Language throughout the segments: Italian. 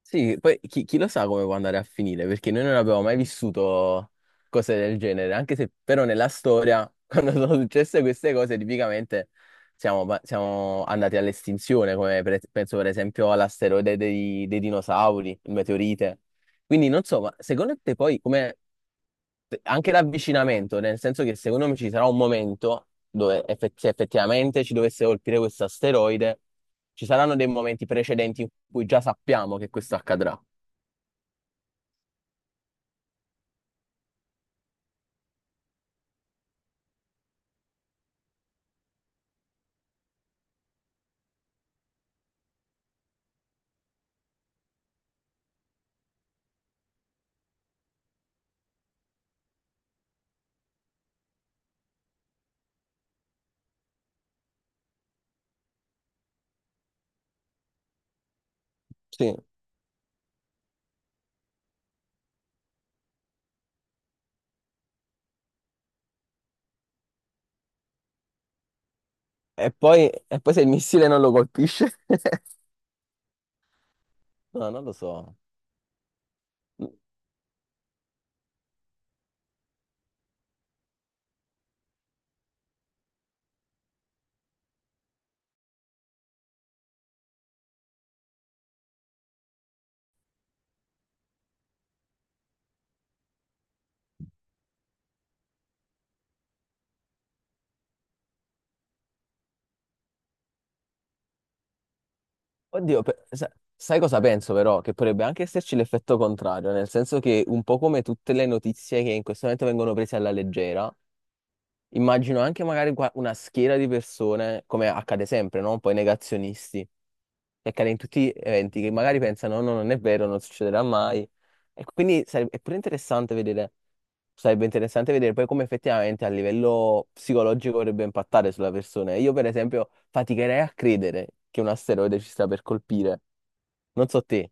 Sì, poi chi lo sa come può andare a finire, perché noi non abbiamo mai vissuto cose del genere, anche se però nella storia, quando sono successe queste cose, tipicamente siamo andati all'estinzione, come penso per esempio all'asteroide dei dinosauri, il meteorite. Quindi non so, ma secondo te poi come anche l'avvicinamento, nel senso che secondo me ci sarà un momento dove se effettivamente ci dovesse colpire questo asteroide, ci saranno dei momenti precedenti in cui già sappiamo che questo accadrà. Sì. E poi, e poi, se il missile non lo colpisce? No, non lo so. Oddio, sai cosa penso però? Che potrebbe anche esserci l'effetto contrario, nel senso che un po' come tutte le notizie che in questo momento vengono prese alla leggera. Immagino anche magari una schiera di persone, come accade sempre, no? Poi negazionisti, che accade in tutti gli eventi, che magari pensano no, no, non è vero, non succederà mai. E quindi sarebbe, è pure interessante vedere, sarebbe interessante vedere poi come effettivamente a livello psicologico vorrebbe impattare sulla persona. Io per esempio faticherei a credere che un asteroide ci sta per colpire. Non so te.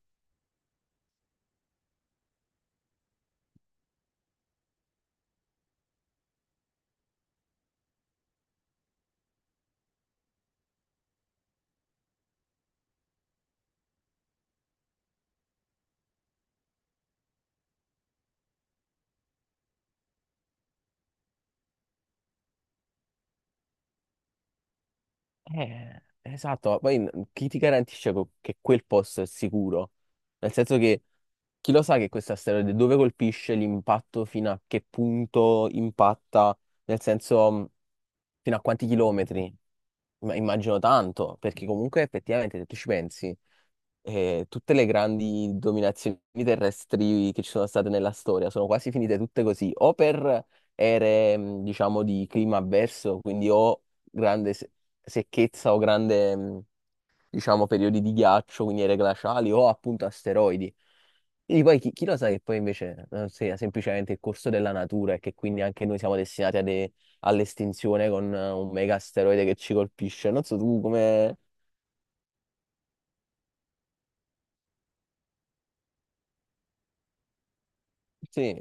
Esatto, poi chi ti garantisce che quel posto è sicuro? Nel senso che chi lo sa che questo asteroide dove colpisce l'impatto, fino a che punto impatta, nel senso fino a quanti chilometri? Ma immagino tanto, perché comunque effettivamente se tu ci pensi, tutte le grandi dominazioni terrestri che ci sono state nella storia sono quasi finite tutte così, o per ere, diciamo, di clima avverso, quindi o grande secchezza o grande, diciamo, periodi di ghiaccio, quindi ere glaciali, o appunto asteroidi. Quindi poi chi lo sa che poi invece sia semplicemente il corso della natura e che quindi anche noi siamo destinati all'estinzione con un mega asteroide che ci colpisce. Non so tu come. Sì,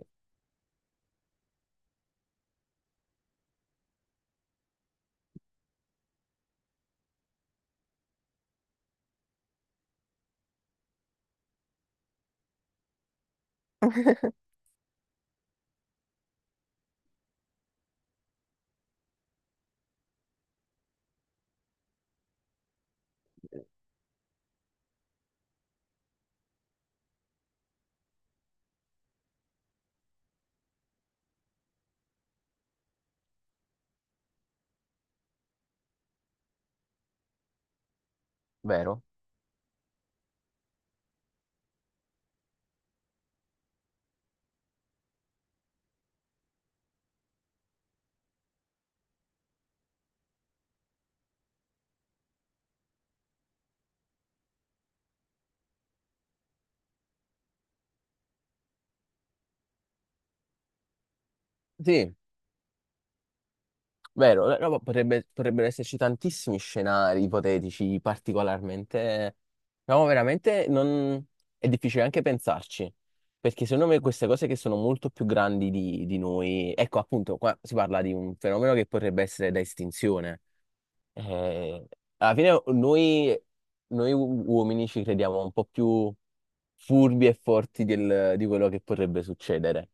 vero? Sì. Vero, no, ma potrebbero esserci tantissimi scenari ipotetici, particolarmente. No, veramente non. È difficile anche pensarci, perché secondo me queste cose che sono molto più grandi di noi, ecco appunto, qua si parla di un fenomeno che potrebbe essere da estinzione. Eh, Alla fine noi uomini ci crediamo un po' più furbi e forti di quello che potrebbe succedere.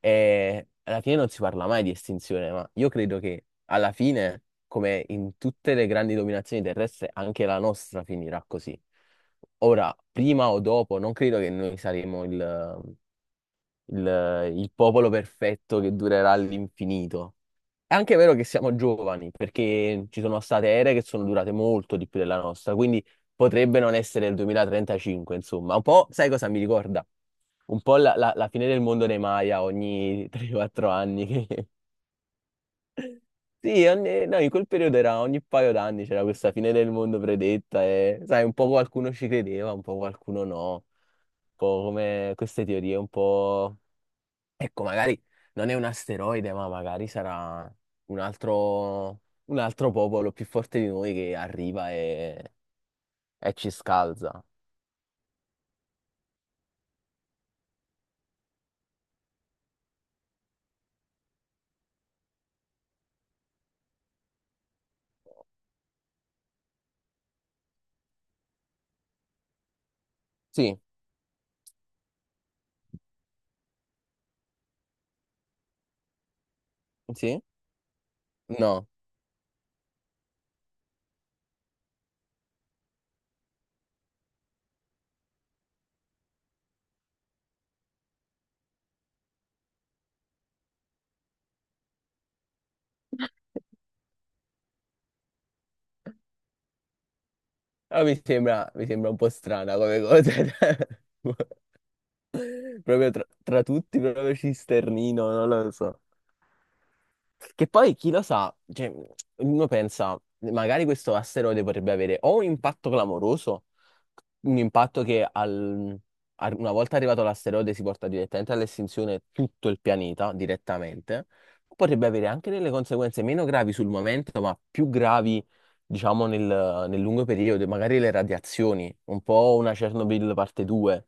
E alla fine non si parla mai di estinzione, ma io credo che alla fine, come in tutte le grandi dominazioni terrestri, anche la nostra finirà così. Ora, prima o dopo, non credo che noi saremo il popolo perfetto che durerà all'infinito. È anche vero che siamo giovani, perché ci sono state ere che sono durate molto di più della nostra, quindi potrebbe non essere il 2035, insomma. Un po', sai cosa mi ricorda? Un po' la fine del mondo dei Maya ogni 3-4 anni. Sì, no, in quel periodo era ogni paio d'anni c'era questa fine del mondo predetta e, sai, un po' qualcuno ci credeva, un po' qualcuno no. Un po' come queste teorie, un po'. Ecco, magari non è un asteroide, ma magari sarà un altro, un altro, popolo più forte di noi che arriva e ci scalza. Sì, sì, no. Però mi sembra un po' strana come cosa. Proprio tra tutti, proprio Cisternino, non lo so. Che poi chi lo sa, cioè, uno pensa, magari questo asteroide potrebbe avere o un impatto clamoroso, un impatto che una volta arrivato l'asteroide si porta direttamente all'estinzione tutto il pianeta, direttamente, potrebbe avere anche delle conseguenze meno gravi sul momento, ma più gravi, diciamo, nel lungo periodo, magari le radiazioni, un po' una Chernobyl parte 2.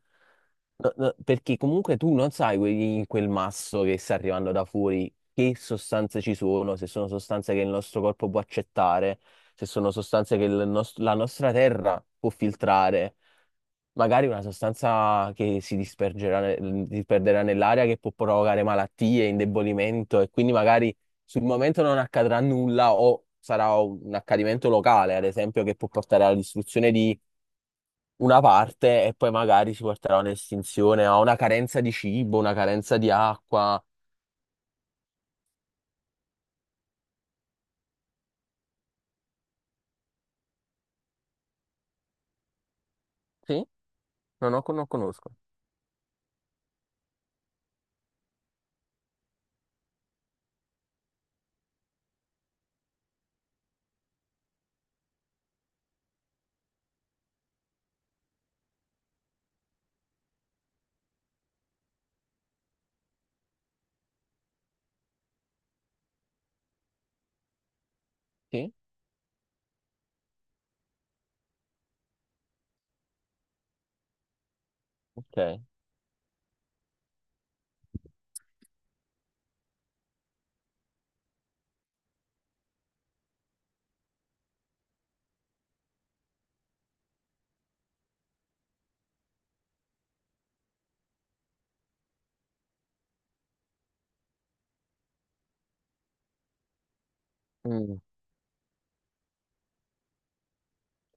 No, no, perché comunque tu non sai in quel masso che sta arrivando da fuori che sostanze ci sono, se sono sostanze che il nostro corpo può accettare, se sono sostanze che la nostra terra può filtrare, magari una sostanza che si dispergerà, disperderà nell'aria, che può provocare malattie, indebolimento e quindi magari sul momento non accadrà nulla o sarà un accadimento locale, ad esempio, che può portare alla distruzione di una parte e poi magari si porterà a un'estinzione, a una carenza di cibo, una carenza di acqua. Sì? Non conosco. Sì? Ok. Mm.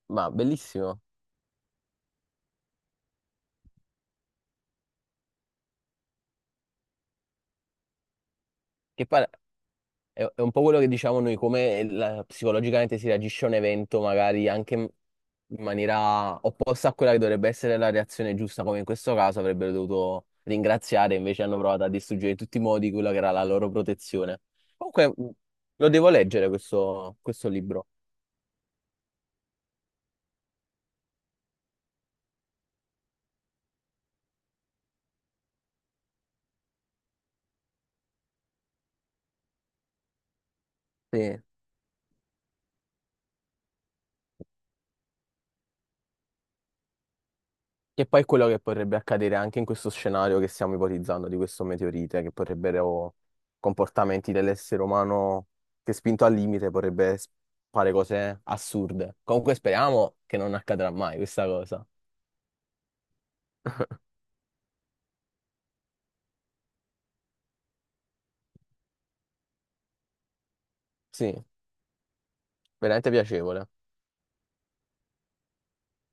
Ma bellissimo. Che pare. È un po' quello che diciamo noi, come psicologicamente si reagisce a un evento, magari anche in maniera opposta a quella che dovrebbe essere la reazione giusta, come in questo caso avrebbero dovuto ringraziare, invece hanno provato a distruggere in tutti i modi quella che era la loro protezione. Comunque, lo devo leggere questo libro. Sì. Che poi è quello che potrebbe accadere anche in questo scenario che stiamo ipotizzando di questo meteorite, che potrebbero comportamenti dell'essere umano che spinto al limite potrebbe fare cose assurde. Comunque speriamo che non accadrà mai questa cosa. Sì, veramente piacevole.